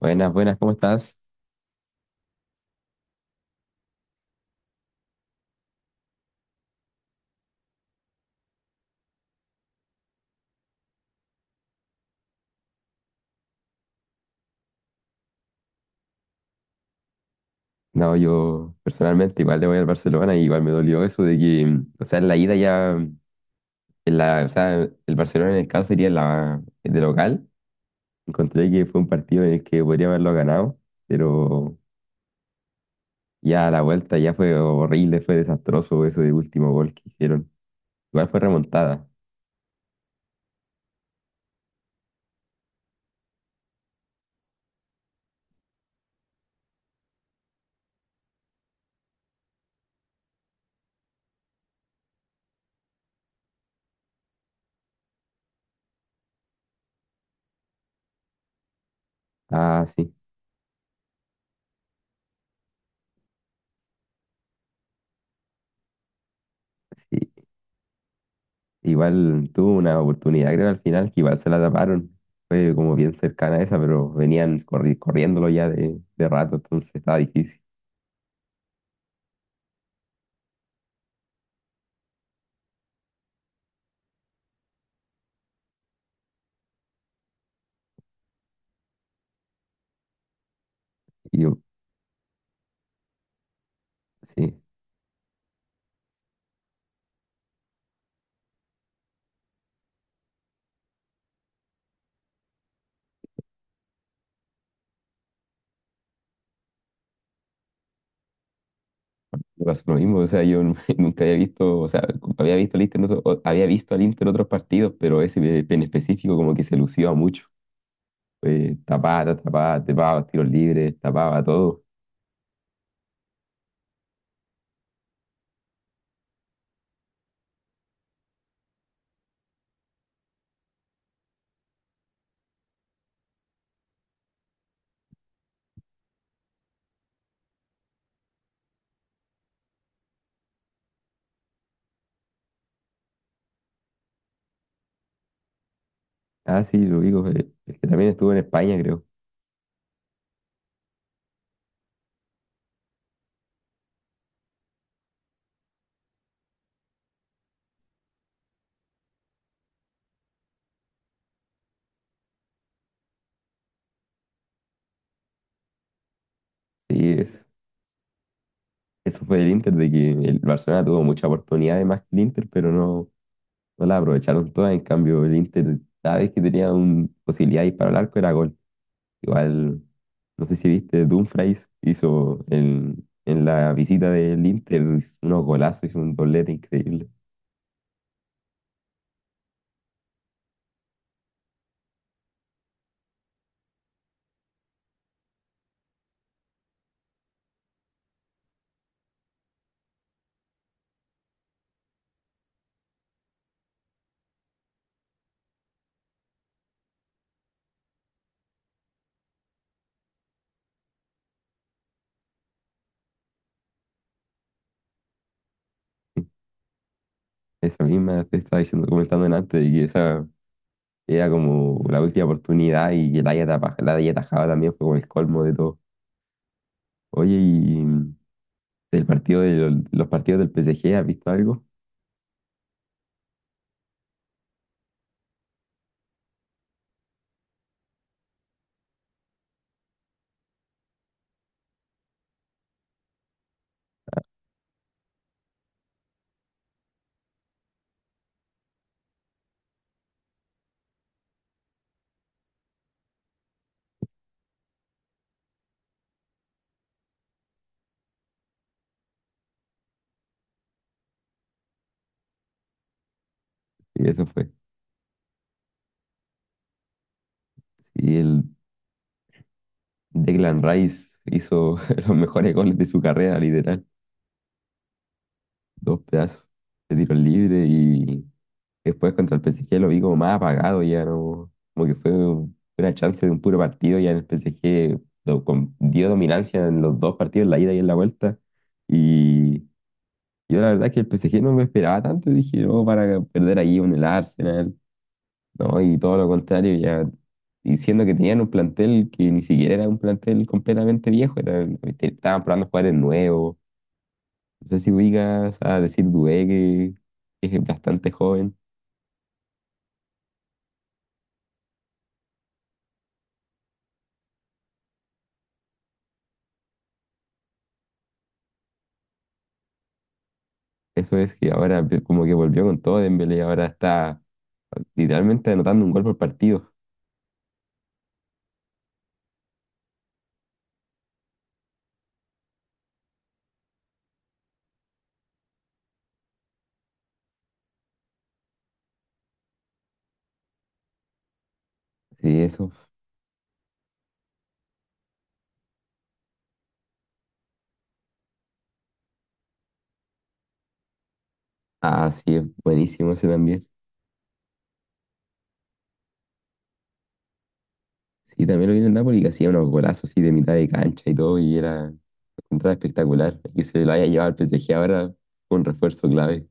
Buenas, buenas, ¿cómo estás? No, yo personalmente igual le voy al Barcelona y igual me dolió eso de o sea, en la ida ya, o sea, el Barcelona en el caso sería la, de local. Encontré que fue un partido en el que podría haberlo ganado, pero ya a la vuelta ya fue horrible, fue desastroso eso de último gol que hicieron. Igual fue remontada. Ah, sí, sí. Igual tuvo una oportunidad, creo, al final, que igual se la taparon. Fue como bien cercana a esa, pero venían corriéndolo ya de rato, entonces estaba difícil. Y yo, sí, me pasó lo mismo. O sea, nunca había visto, o sea, como había visto al Inter, en había visto al Inter en otros partidos, pero ese en específico como que se lució mucho. Tapaba, tapaba, tapaba, tiros libres, tapaba todo. Ah, sí, lo digo, es que también estuvo en España, creo. Sí, es, eso fue el Inter, de que el Barcelona tuvo muchas oportunidades más que el Inter, pero no. No la aprovecharon todas, en cambio el Inter cada vez que tenía una posibilidad de disparar al arco era gol. Igual, no sé si viste, Dumfries hizo en la visita del Inter unos golazos, hizo un doblete increíble. Esa misma te estaba diciendo, comentando antes, de que esa era como la última oportunidad y que la haya atajado también fue como el colmo de todo. Oye, y del partido de los partidos del PSG, ¿has visto algo? Y eso fue. Y el Declan Rice hizo los mejores goles de su carrera, literal. Dos pedazos de tiro libre y después contra el PSG lo vi como más apagado ya, ¿no? Como que fue una chance de un puro partido ya en el PSG dio dominancia en los dos partidos, en la ida y en la vuelta. Y yo la verdad es que el PSG no me esperaba tanto, dije, no, para perder ahí con el Arsenal, ¿no? Y todo lo contrario, ya diciendo que tenían un plantel que ni siquiera era un plantel completamente viejo, era, estaban probando jugadores nuevos. No sé si ubicas a decir Dubé, que es bastante joven. Eso es que ahora como que volvió con todo Dembélé, ahora está literalmente anotando un gol por partido. Sí, eso. Ah, sí, es buenísimo ese también. Sí, también lo vi en el Napoli que hacía unos golazos así de mitad de cancha y todo, y era contra espectacular. Y que se lo haya llevado al PSG ahora fue un refuerzo clave.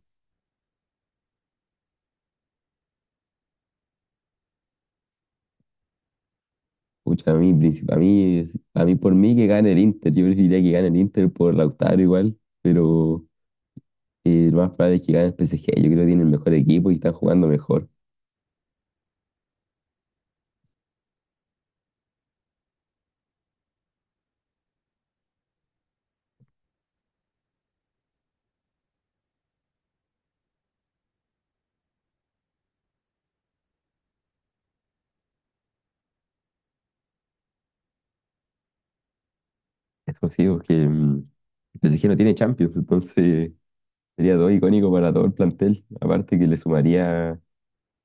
Pucha, a a a mí por mí que gane el Inter. Yo preferiría que gane el Inter por Lautaro igual, pero y lo más probable es que gane el PSG. Yo creo que tiene el mejor equipo y están jugando mejor. Eso sí, porque el PSG no tiene Champions, entonces sería todo icónico para todo el plantel. Aparte que le sumaría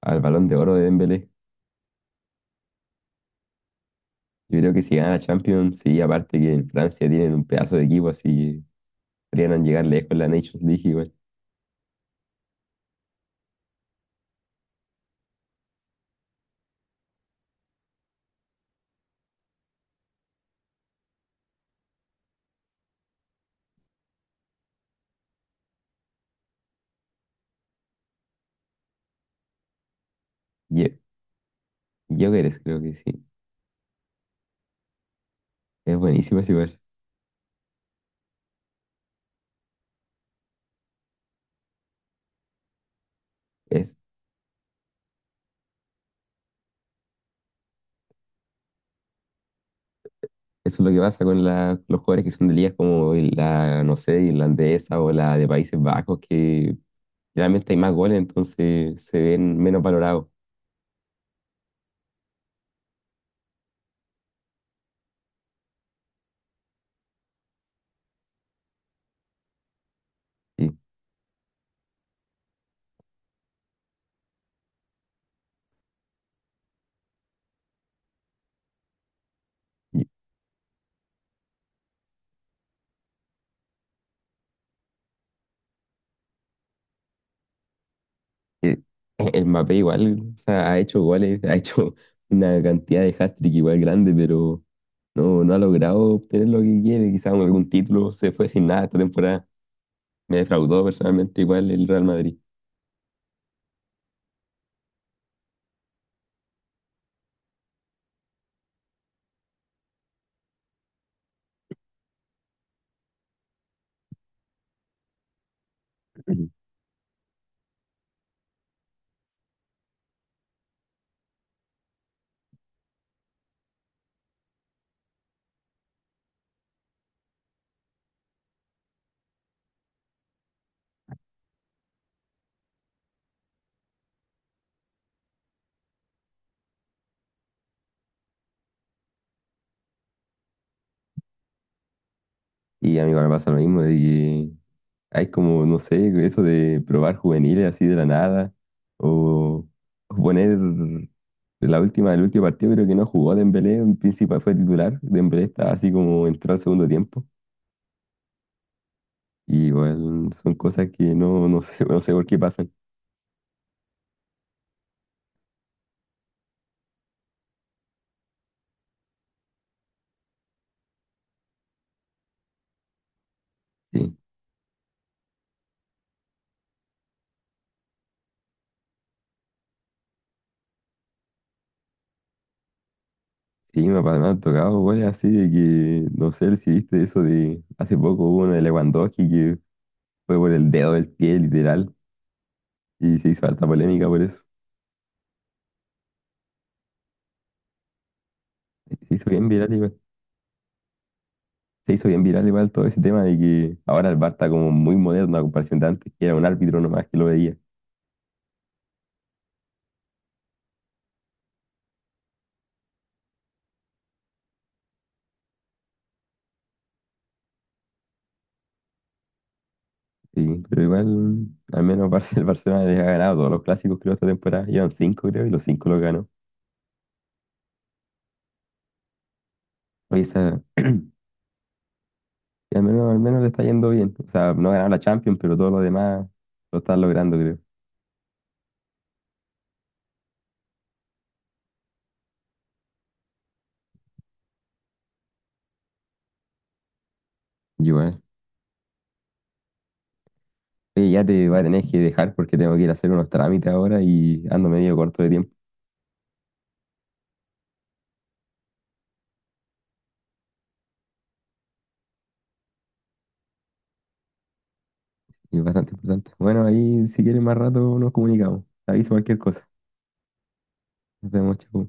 al Balón de Oro de Dembélé. Yo creo que si gana Champions, sí, aparte que en Francia tienen un pedazo de equipo, así que podrían llegar lejos en la Nations League igual. Ye- Gyökeres creo que sí. Es buenísimo es igual. Es, eso es lo que pasa con los jugadores que son de ligas como la, no sé, irlandesa o la de Países Bajos, que generalmente hay más goles, entonces se ven menos valorados. Y, y, eh, el Mbappé igual, o sea, ha hecho goles, ha hecho una cantidad de hat-trick igual grande, pero no, no ha logrado obtener lo que quiere, quizás algún título, se fue sin nada esta temporada. Me defraudó personalmente igual el Real Madrid. Ujú. Y a mí igual me pasa lo mismo, de hay como, no sé, eso de probar juveniles así de la nada, o o poner la última, el último partido, creo que no jugó Dembélé, en principal fue titular, Dembélé estaba así como entró al segundo tiempo, y igual son cosas que no, no sé, no sé por qué pasan. Sí, sí, me han tocado goles así de que, no sé si viste eso de, hace poco hubo uno de Lewandowski que fue por el dedo del pie, literal, y se hizo alta polémica por eso. Se hizo bien viral igual. Se hizo bien viral igual todo ese tema de que ahora el VAR está como muy moderno a comparación de antes, que era un árbitro nomás que lo veía. Sí, pero igual, al menos el Barcelona les ha ganado todos los clásicos, creo, esta temporada. Llevan cinco, creo, y los cinco los ganó. Oye, y al menos le está yendo bien. O sea, no ganaron la Champions, pero todo lo demás lo están logrando, creo. Igual. Oye, ya te voy a tener que dejar porque tengo que ir a hacer unos trámites ahora y ando medio corto de tiempo. Y es bastante importante. Bueno, ahí si quieres más rato nos comunicamos. Te aviso cualquier cosa. Nos vemos, chao.